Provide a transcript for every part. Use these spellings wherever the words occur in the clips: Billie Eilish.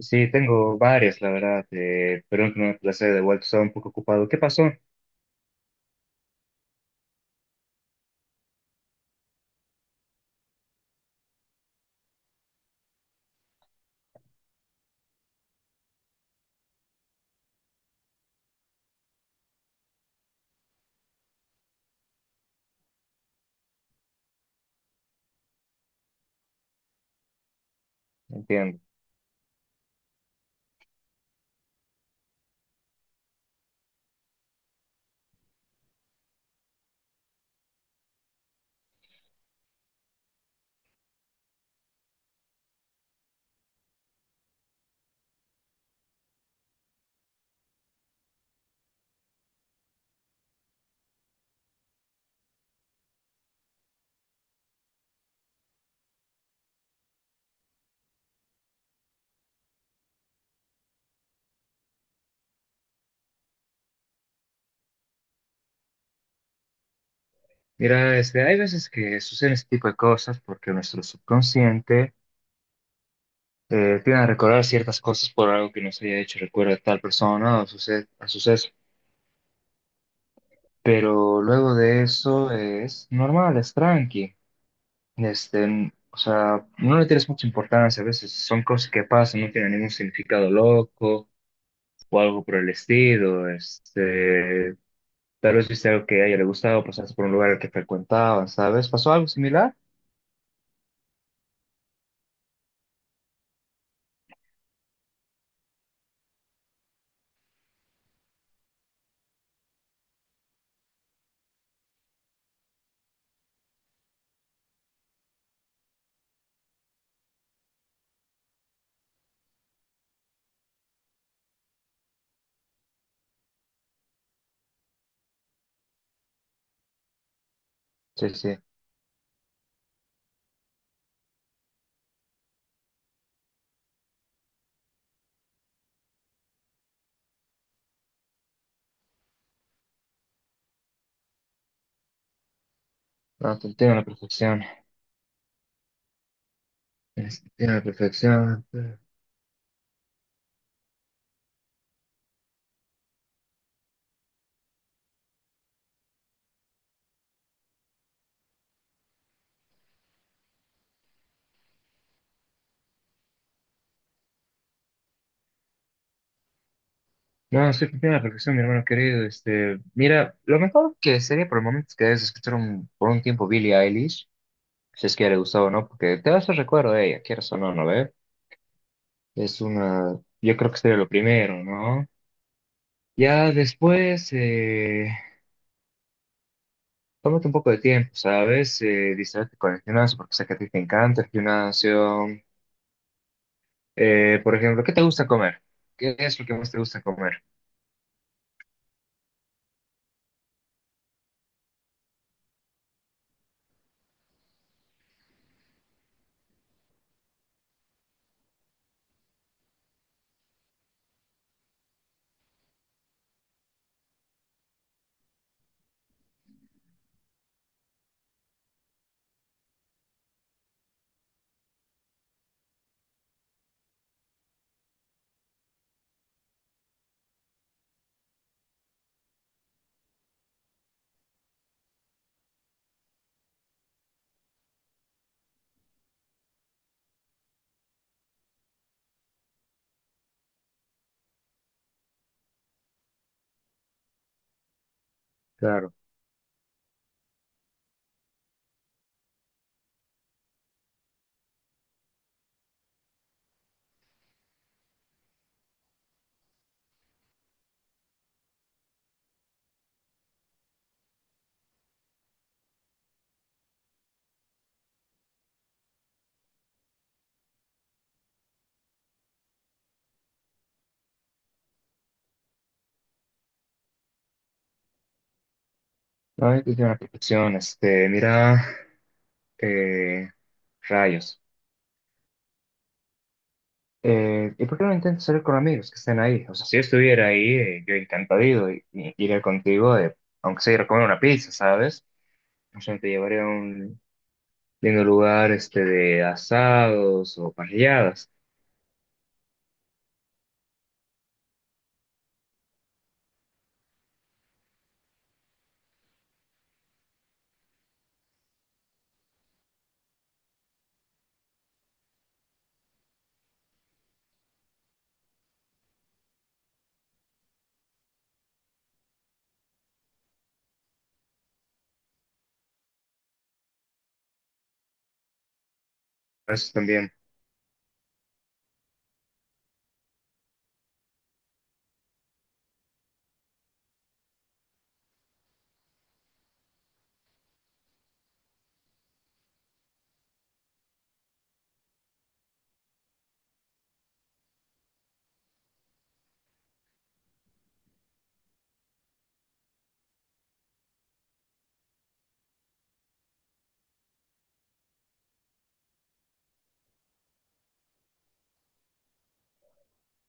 Sí, tengo varias, la verdad, pero en primer placer de vuelta estaba un poco ocupado. ¿Qué pasó? Entiendo. Mira, hay veces que suceden este tipo de cosas porque nuestro subconsciente tiende a recordar ciertas cosas por algo que nos haya hecho recuerdo a tal persona o a suceso. Pero luego de eso es normal, es tranqui. O sea, no le tienes mucha importancia, a veces son cosas que pasan, no tienen ningún significado loco o algo por el estilo. Tal vez viste algo que a ella le gustaba, o pasaste por un lugar al que frecuentaba, ¿sabes? ¿Pasó algo similar? Sí, sí. No, te entiendo a la perfección. Te entiendo a la perfección. No, sí, te entiendo a la perfección, mi hermano querido. Mira, lo mejor que sería por el momento es que debes escuchar por un tiempo Billie Eilish, si es que a ella le gustaba o no, porque te vas a recuerdo de ella, quieras o no, ¿no ve? Es una. Yo creo que sería lo primero, ¿no? Ya después, tómate un poco de tiempo, ¿sabes? Distraerte con el gimnasio, porque sé que a ti te encanta el gimnasio. Por ejemplo, ¿qué te gusta comer? ¿Qué es lo que más te gusta comer? Claro. Ay, qué buena perfección. Mira, eh, rayos. ¿Y por qué no intentas salir con amigos que estén ahí? O sea, si yo estuviera ahí, yo encantado y iría contigo, aunque sea ir a comer una pizza, ¿sabes? O sea, te llevaría a un lindo lugar, de asados o parrilladas. Eso también.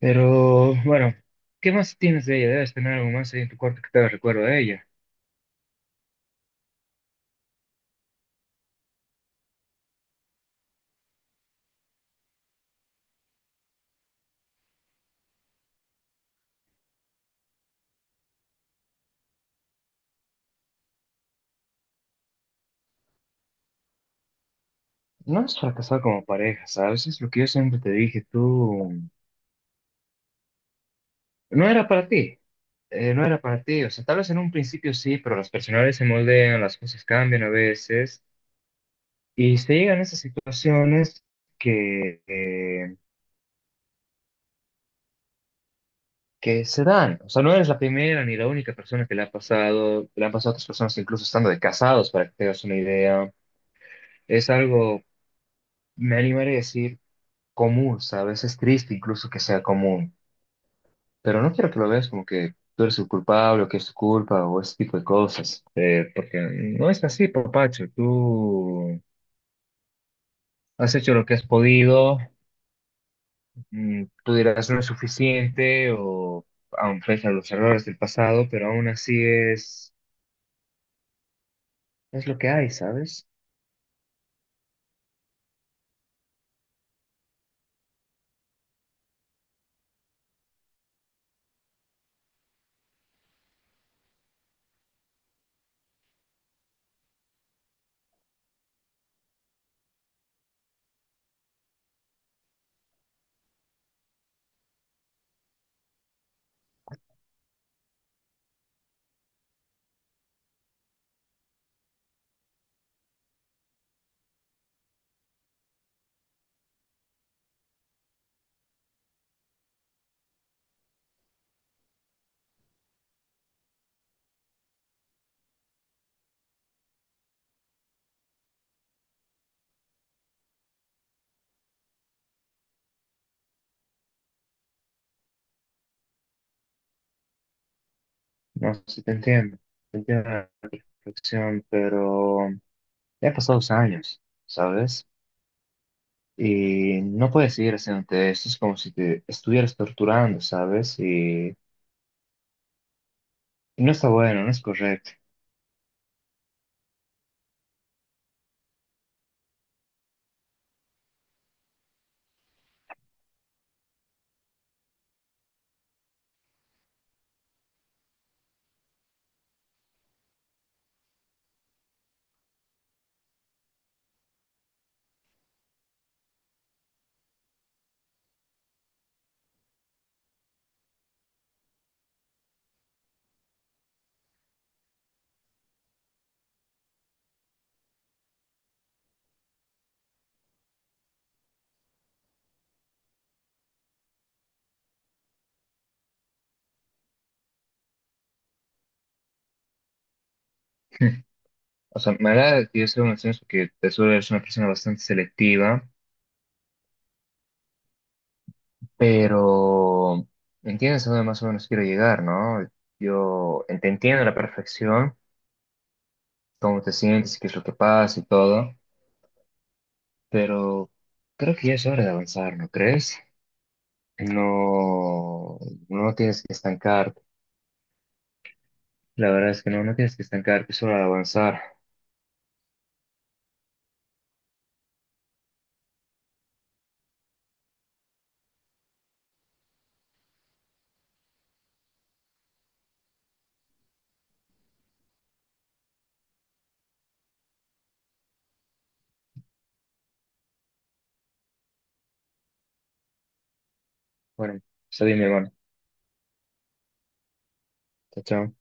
Pero, bueno, ¿qué más tienes de ella? Debes tener algo más ahí en tu cuarto que te haga recuerdo de ella. No es fracasar como pareja, ¿sabes? Es lo que yo siempre te dije, tú no era para ti, no era para ti, o sea, tal vez en un principio sí, pero las personalidades se moldean, las cosas cambian a veces y se llegan a esas situaciones que, eh, que se dan, o sea, no eres la primera ni la única persona que le ha pasado, le han pasado a otras personas incluso estando de casados, para que te hagas una idea, es algo, me animaré a decir, común, ¿sabes? Es triste incluso que sea común. Pero no quiero que lo veas como que tú eres el culpable o que es tu culpa o ese tipo de cosas, porque no es así, papacho. Tú has hecho lo que has podido, mm, tú dirás no es suficiente o aun pese a los errores del pasado, pero aún así es lo que hay, ¿sabes? No sé si te entiendo, te entiendo la reflexión, pero ya han pasado 2 años, ¿sabes? Y no puedes seguir haciéndote esto, es como si te estuvieras torturando, ¿sabes? No está bueno, no es correcto. O sea, me agrada que yo sea una persona que te suelo ser una persona bastante selectiva, pero entiendes a dónde más o menos quiero llegar, ¿no? Yo te entiendo a la perfección, cómo te sientes, qué es lo que pasa y todo, pero creo que ya es hora de avanzar, ¿no crees? No, no tienes que estancarte. La verdad es que no, no tienes que estancarte, es hora de avanzar. Bueno, está bien, mi hermano. Chao, chao.